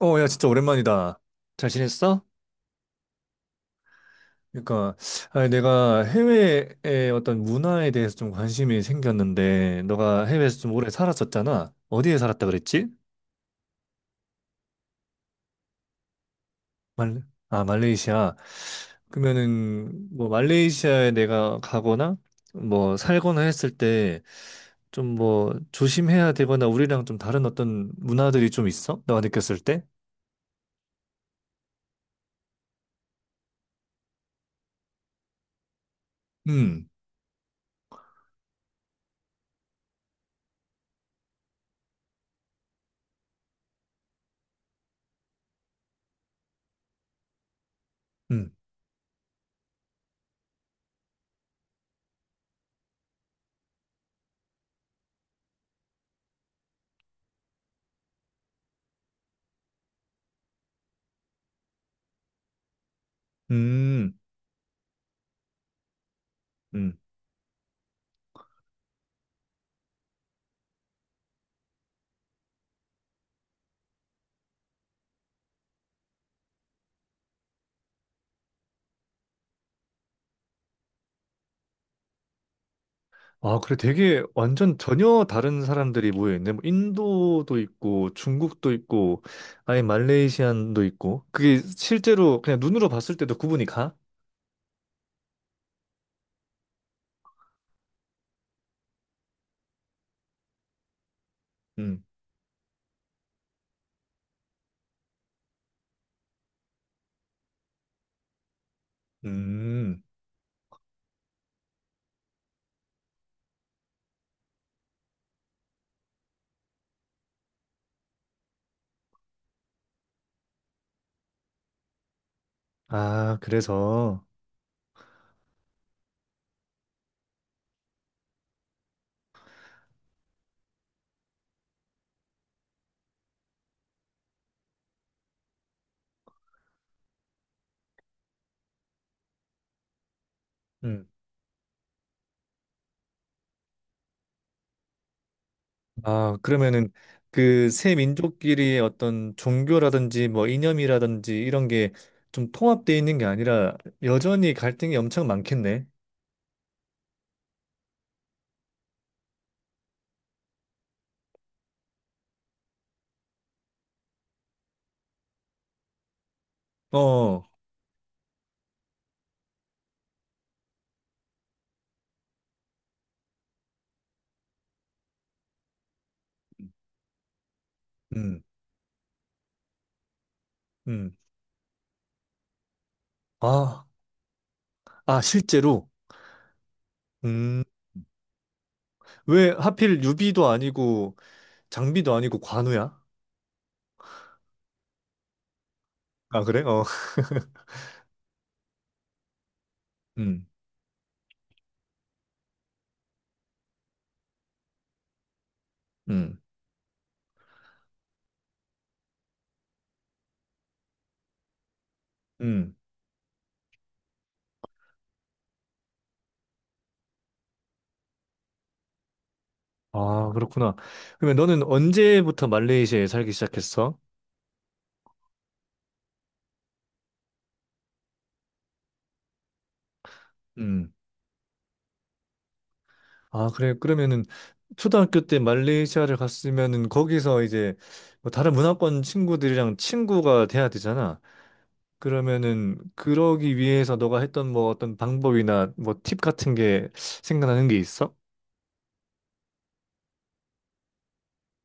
어, 야, 진짜 오랜만이다. 잘 지냈어? 그러니까, 아니, 내가 해외의 어떤 문화에 대해서 좀 관심이 생겼는데, 너가 해외에서 좀 오래 살았었잖아. 어디에 살았다 그랬지? 말, 아, 말레이시아. 그러면은, 뭐, 말레이시아에 내가 가거나, 뭐, 살거나 했을 때, 좀 뭐, 조심해야 되거나, 우리랑 좀 다른 어떤 문화들이 좀 있어? 너가 느꼈을 때? 음, 음, 음, 음. 아, 그래. 되게 완전 전혀 다른 사람들이 모여있네. 뭐 인도도 있고, 중국도 있고, 아예 말레이시안도 있고. 그게 실제로 그냥 눈으로 봤을 때도 구분이 가? 음. 음. 아, 그래서. 음. 아, 그러면은 그 세 민족끼리의 어떤 종교라든지 뭐 이념이라든지 이런 게 좀 통합되어 있는 게 아니라 여전히 갈등이 엄청 많겠네. 어. 음. 음. 아, 아, 실제로. 왜 하필 유비도 아니고 장비도 아니고 관우야? 아, 그래? 어. 음, 음, 음. 아, 그렇구나. 그러면 너는 언제부터 말레이시아에 살기 시작했어? 음. 아, 그래. 그러면은 초등학교 때 말레이시아를 갔으면은 거기서 이제 뭐 다른 문화권 친구들이랑 친구가 돼야 되잖아. 그러면은 그러기 위해서 너가 했던 뭐 어떤 방법이나 뭐 팁 같은 게 생각나는 게 있어?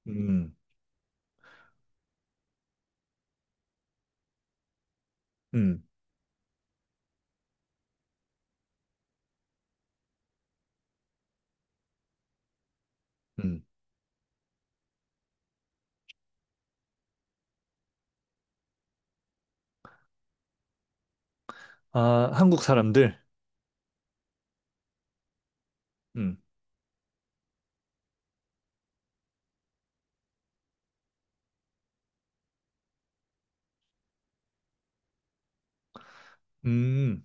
음, 음, 음. 아, 한국 사람들. 음,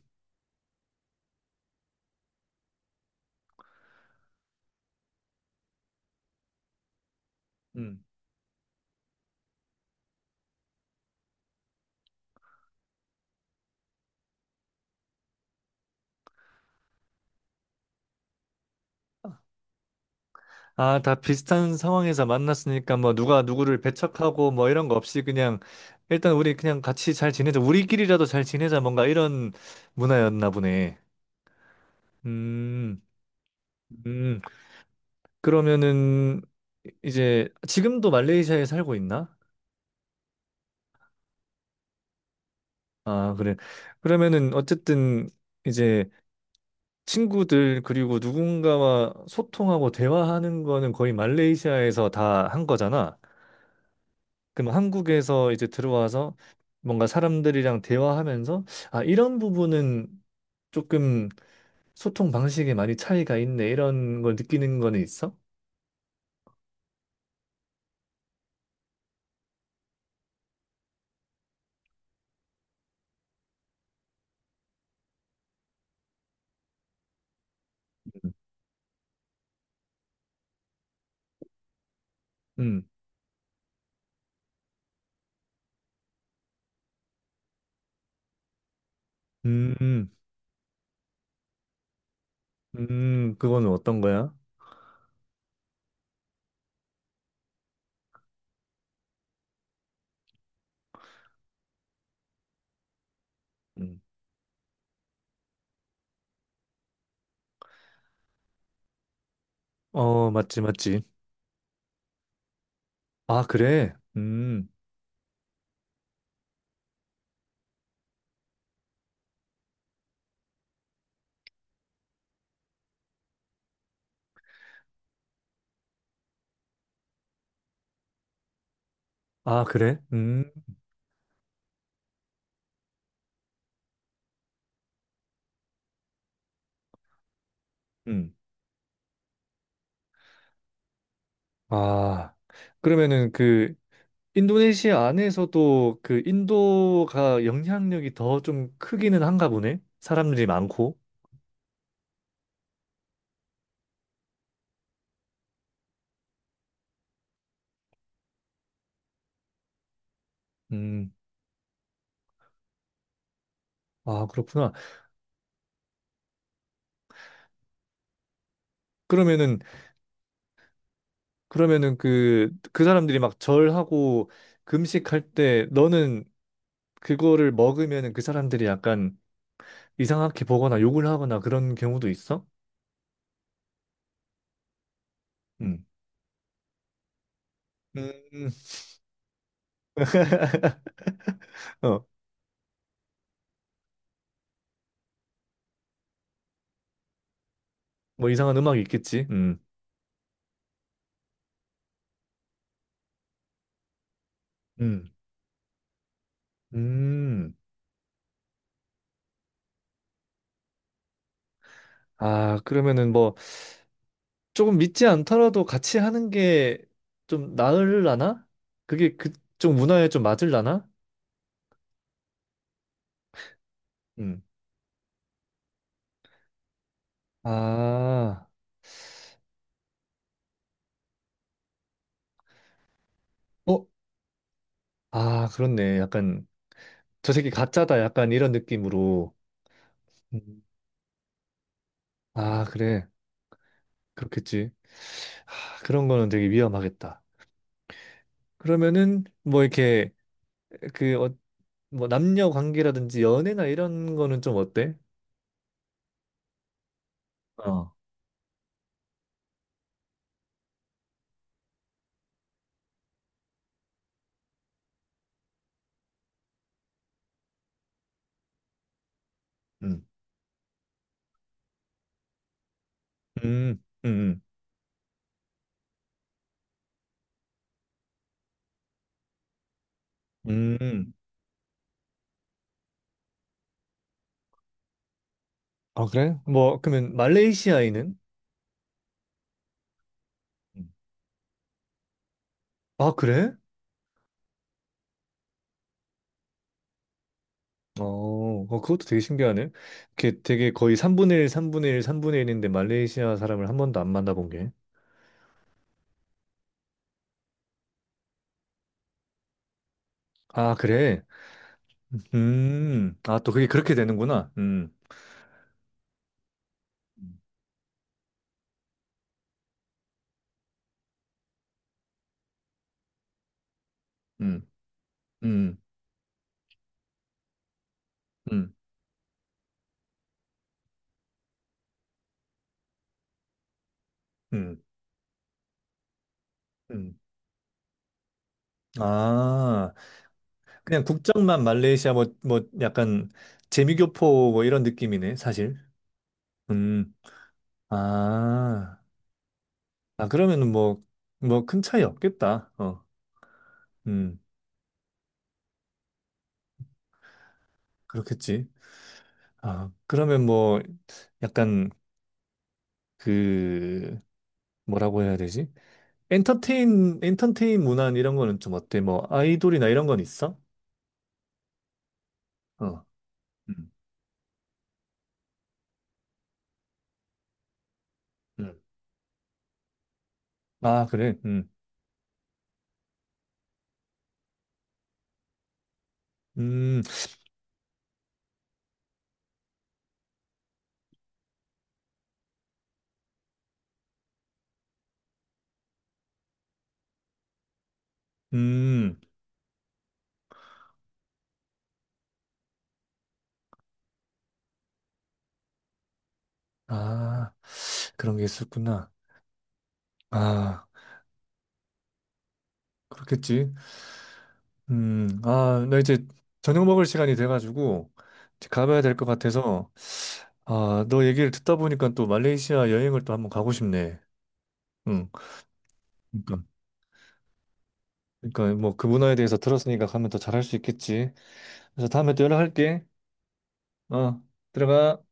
음. 아, 다 비슷한 상황에서 만났으니까 뭐 누가 누구를 배척하고 뭐 이런 거 없이 그냥 일단 우리 그냥 같이 잘 지내자. 우리끼리라도 잘 지내자. 뭔가 이런 문화였나 보네. 음, 음. 그러면은 이제 지금도 말레이시아에 살고 있나? 아, 그래. 그러면은 어쨌든 이제 친구들 그리고 누군가와 소통하고 대화하는 거는 거의 말레이시아에서 다 한 거잖아. 그럼 한국에서 이제 들어와서 뭔가 사람들이랑 대화하면서 아, 이런 부분은 조금 소통 방식에 많이 차이가 있네. 이런 걸 느끼는 거는 있어? 음. 음. 음. 그거는 어떤 거야? 음. 어, 맞지, 맞지. 아, 그래? 음. 아, 그래? 음. 음. 아. 그러면은 그 인도네시아 안에서도 그 인도가 영향력이 더 좀 크기는 한가 보네. 사람들이 많고. 음. 아, 그렇구나. 그러면은, 그러면은 그, 그 사람들이 막 절하고 금식할 때 너는 그거를 먹으면은 그 사람들이 약간 이상하게 보거나 욕을 하거나 그런 경우도 있어? 음. 음. 어, 뭐 이상한 음악이 있겠지. 음. 음. 음. 아, 그러면은 뭐 조금 믿지 않더라도 같이 하는 게 좀 나으려나? 그게 그쪽 문화에 좀 맞으려나? 음. 아. 어? 아, 그렇네. 약간 저 새끼 가짜다 약간 이런 느낌으로 음. 아 그래 그렇겠지 아, 그런 거는 되게 위험하겠다. 그러면은 뭐 이렇게 그 어, 뭐 남녀 관계라든지 연애나 이런 거는 좀 어때? 어. 음. 음, 음, 음. 음. 아, 그래? 뭐, 그러면 말레이시아인은? 음. 아, 그래? 어, 어, 그것도 되게 신기하네. 이렇게 되게 거의 3분의 1, 3분의 1, 3분의 1인데 말레이시아 사람을 한 번도 안 만나본 게. 아, 그래? 아, 또 그게 그렇게 되는구나. 음. 음, 음, 음, 음, 음. 아, 그냥 국적만 말레이시아 뭐, 뭐 약간 재미교포 뭐 이런 느낌이네, 사실. 음, 아, 아, 그러면은 뭐, 뭐 큰 차이 없겠다. 어, 음, 그렇겠지. 아, 그러면 뭐 약간 그, 뭐라고 해야 되지? 엔터테인 문화 이런 거는 좀 어때? 뭐 아이돌이나 이런 건 있어? 어, 음. 음. 아, 그래. 음. 음. 음. 아, 그런 게 있었구나. 아, 그렇겠지. 음. 아, 나 이제 저녁 먹을 시간이 돼 가지고 이제 가봐야 될 것 같아서 아, 너 얘기를 듣다 보니까 또 말레이시아 여행을 또 한번 가고 싶네. 응. 그러니까. 그러니까 뭐 그 문화에 대해서 들었으니까 가면 더 잘할 수 있겠지. 그래서 다음에 또 연락할게. 어. 들어가.